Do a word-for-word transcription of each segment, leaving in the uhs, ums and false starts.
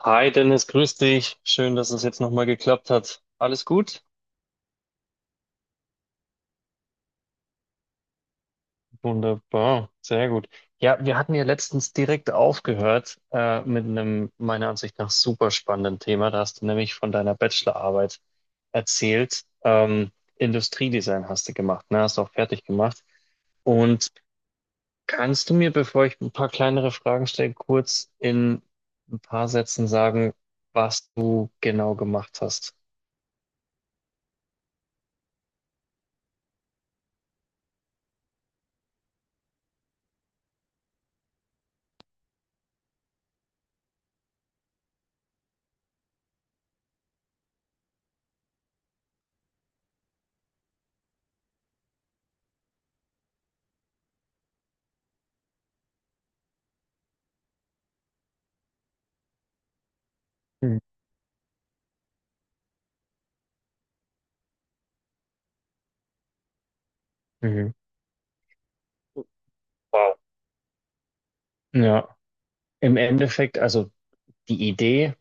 Hi Dennis, grüß dich. Schön, dass es jetzt nochmal geklappt hat. Alles gut? Wunderbar, sehr gut. Ja, wir hatten ja letztens direkt aufgehört äh, mit einem meiner Ansicht nach super spannenden Thema. Da hast du nämlich von deiner Bachelorarbeit erzählt. Ähm, Industriedesign hast du gemacht, ne? Hast du auch fertig gemacht. Und kannst du mir, bevor ich ein paar kleinere Fragen stelle, kurz in ein paar Sätzen sagen, was du genau gemacht hast? Mhm. Mhm. Wow. Ja. Im Endeffekt, also die Idee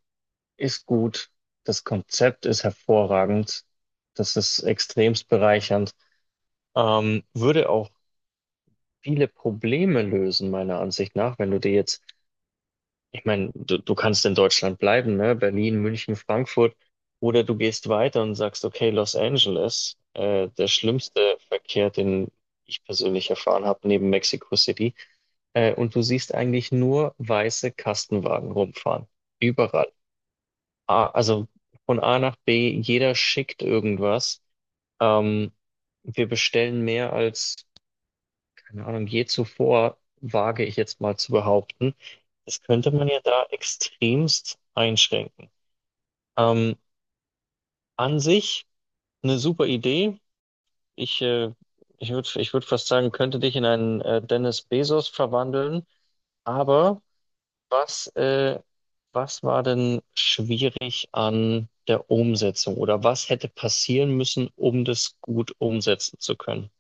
ist gut, das Konzept ist hervorragend, das ist extremst bereichernd, ähm, würde auch viele Probleme lösen, meiner Ansicht nach. Wenn du dir jetzt, ich meine, du, du kannst in Deutschland bleiben, ne? Berlin, München, Frankfurt, oder du gehst weiter und sagst, okay, Los Angeles, äh, der schlimmste Verkehr, den ich persönlich erfahren habe, neben Mexico City, äh, und du siehst eigentlich nur weiße Kastenwagen rumfahren. Überall. A, also von A nach B, jeder schickt irgendwas. Ähm, wir bestellen mehr als, keine Ahnung, je zuvor, wage ich jetzt mal zu behaupten. Das könnte man ja da extremst einschränken. Ähm, an sich eine super Idee. Ich, äh, ich würde ich würd fast sagen, könnte dich in einen äh, Dennis Bezos verwandeln, aber. Was, äh, was war denn schwierig an der Umsetzung oder was hätte passieren müssen, um das gut umsetzen zu können?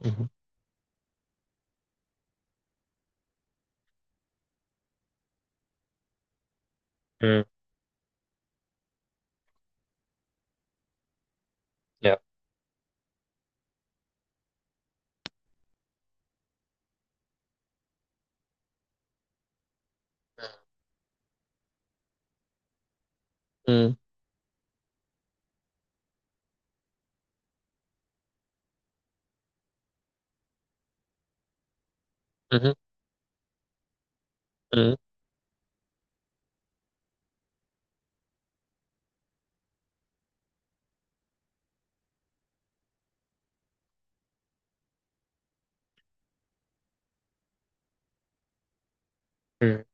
Mhm. Mhm. Ja. Mhm. Mhm. Mhm. Mhm.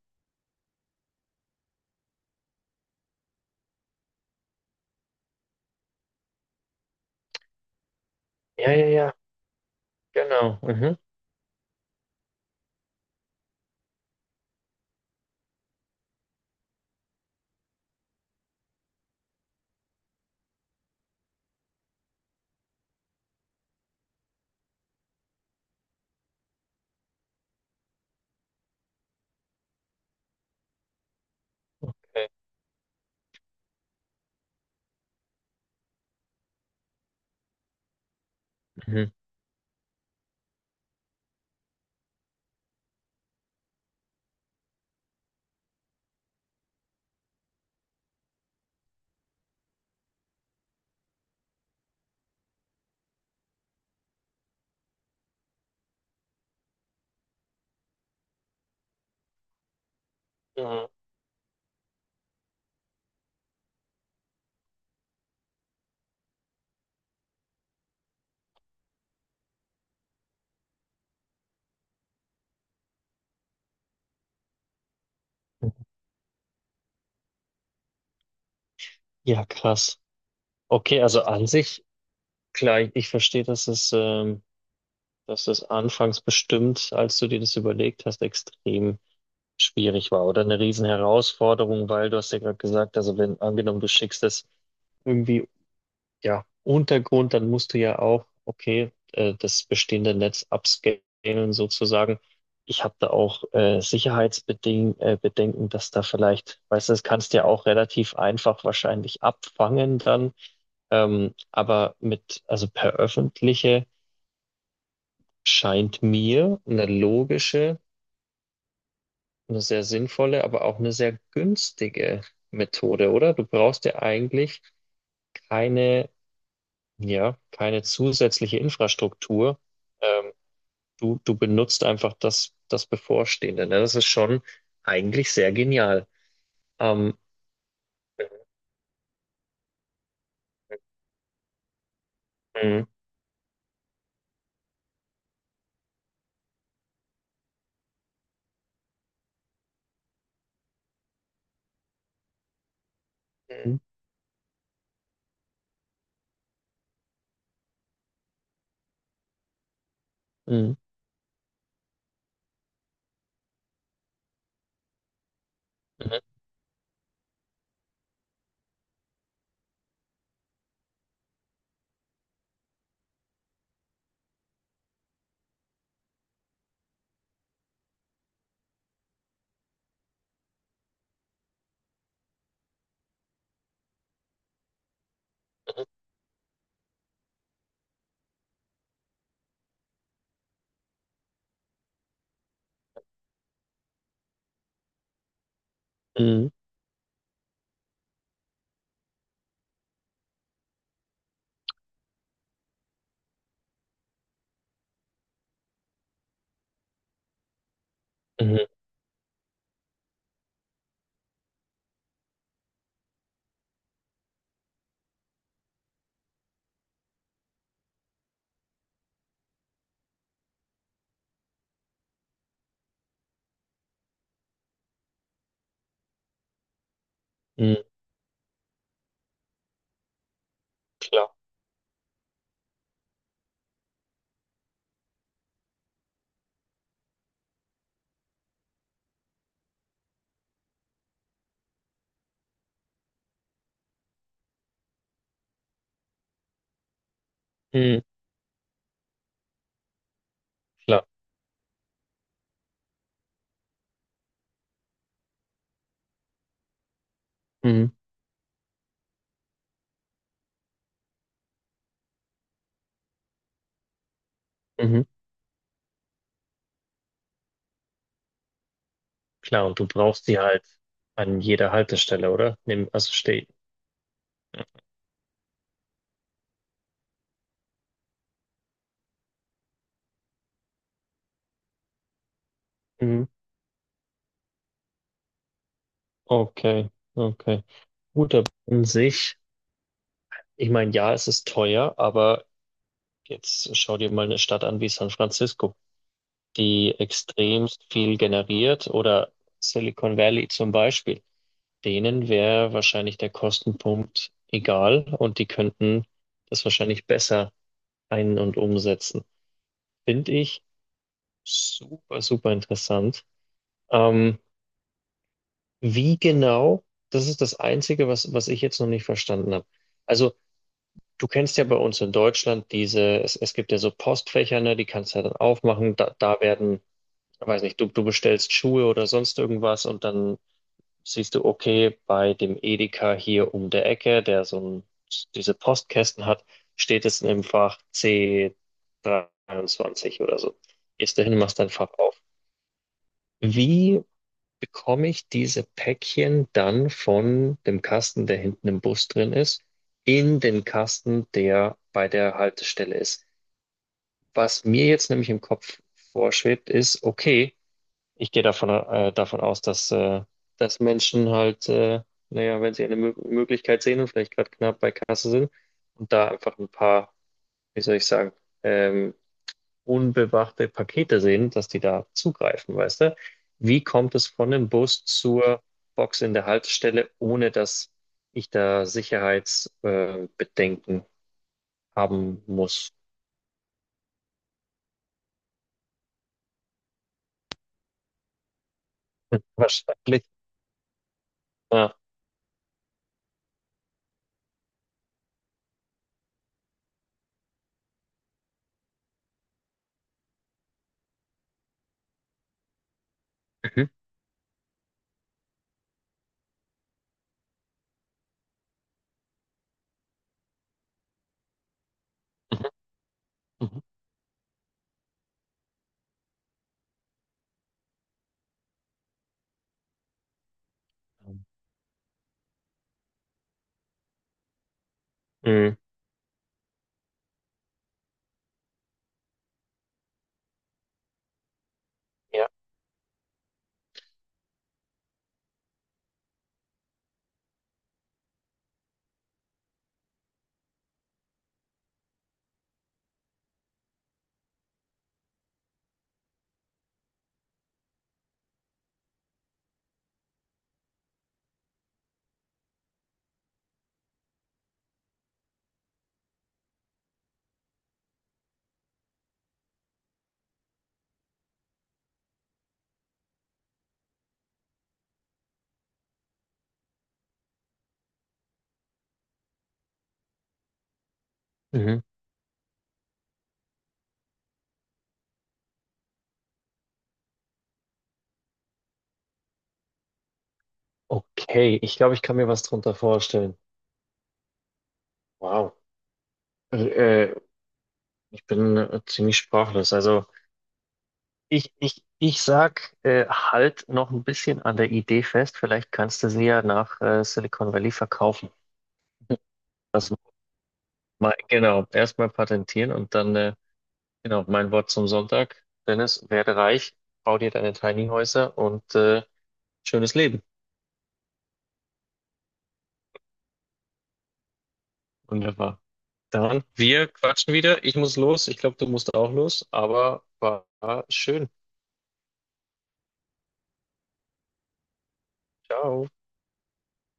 Ja, ja, ja, genau. Mhm. Okay. Mhm. Mhm. Ja, krass. Okay, also an sich, klar, ich, ich verstehe, dass es, ähm, dass es anfangs bestimmt, als du dir das überlegt hast, extrem schwierig war oder eine Riesenherausforderung, weil du hast ja gerade gesagt, also wenn angenommen du schickst es irgendwie, ja, Untergrund, dann musst du ja auch, okay, äh, das bestehende Netz upscalen sozusagen. Ich habe da auch äh, Sicherheitsbeding äh, Bedenken, dass da vielleicht, weißt du, das kannst du ja auch relativ einfach wahrscheinlich abfangen dann, ähm, aber mit, also per öffentliche scheint mir eine logische, eine sehr sinnvolle, aber auch eine sehr günstige Methode, oder? Du brauchst ja eigentlich keine, ja, keine zusätzliche Infrastruktur. Ähm, du, du benutzt einfach das, das Bevorstehende. Ne? Das ist schon eigentlich sehr genial. Ähm, mm, mm. Mm. Mhm. Mhm. Mhm. Mhm. Klar. Mhm. Klar. Mhm. Mhm. Klar. Und du brauchst die halt an jeder Haltestelle, oder? Nimm- Also steh. Mhm, okay, okay. Gut, aber an sich. Ich meine, ja, es ist teuer, aber jetzt schau dir mal eine Stadt an wie San Francisco, die extremst viel generiert oder Silicon Valley zum Beispiel. Denen wäre wahrscheinlich der Kostenpunkt egal und die könnten das wahrscheinlich besser ein- und umsetzen. Finde ich super, super interessant. Ähm, Wie genau, das ist das Einzige, was, was ich jetzt noch nicht verstanden habe. Also du kennst ja bei uns in Deutschland diese, es, es gibt ja so Postfächer, ne, die kannst du ja dann aufmachen. Da, da werden, weiß nicht, du, du bestellst Schuhe oder sonst irgendwas und dann siehst du, okay, bei dem Edeka hier um der Ecke, der so ein, diese Postkästen hat, steht es im Fach C dreiundzwanzig oder so. Gehst dahin, machst dein Fach auf. Wie bekomme ich diese Päckchen dann von dem Kasten, der hinten im Bus drin ist, in den Kasten, der bei der Haltestelle ist? Was mir jetzt nämlich im Kopf vorschwebt, ist, okay, ich gehe davon, äh, davon aus, dass, äh, dass Menschen halt, äh, naja, wenn sie eine Mö Möglichkeit sehen und vielleicht gerade knapp bei Kasse sind und da einfach ein paar, wie soll ich sagen, ähm, unbewachte Pakete sehen, dass die da zugreifen, weißt du? Wie kommt es von dem Bus zur Box in der Haltestelle, ohne dass ich da Sicherheitsbedenken äh, Bedenken haben muss? Wahrscheinlich. Ja. Mhm. Mhm. Mhm. Mhm. Ja. Mhm. Okay, ich glaube, ich kann mir was drunter vorstellen. Wow. Äh, äh, ich bin äh, ziemlich sprachlos. Also. Ich, ich, ich sag, äh, halt noch ein bisschen an der Idee fest. Vielleicht kannst du sie ja nach äh, Silicon Valley verkaufen. Das mal, genau, erstmal patentieren und dann, äh, genau, mein Wort zum Sonntag. Dennis, werde reich, bau dir deine Tiny Häuser und äh, schönes Leben. Wunderbar. Dann, wir quatschen wieder. Ich muss los. Ich glaube, du musst auch los, aber war schön. Ciao.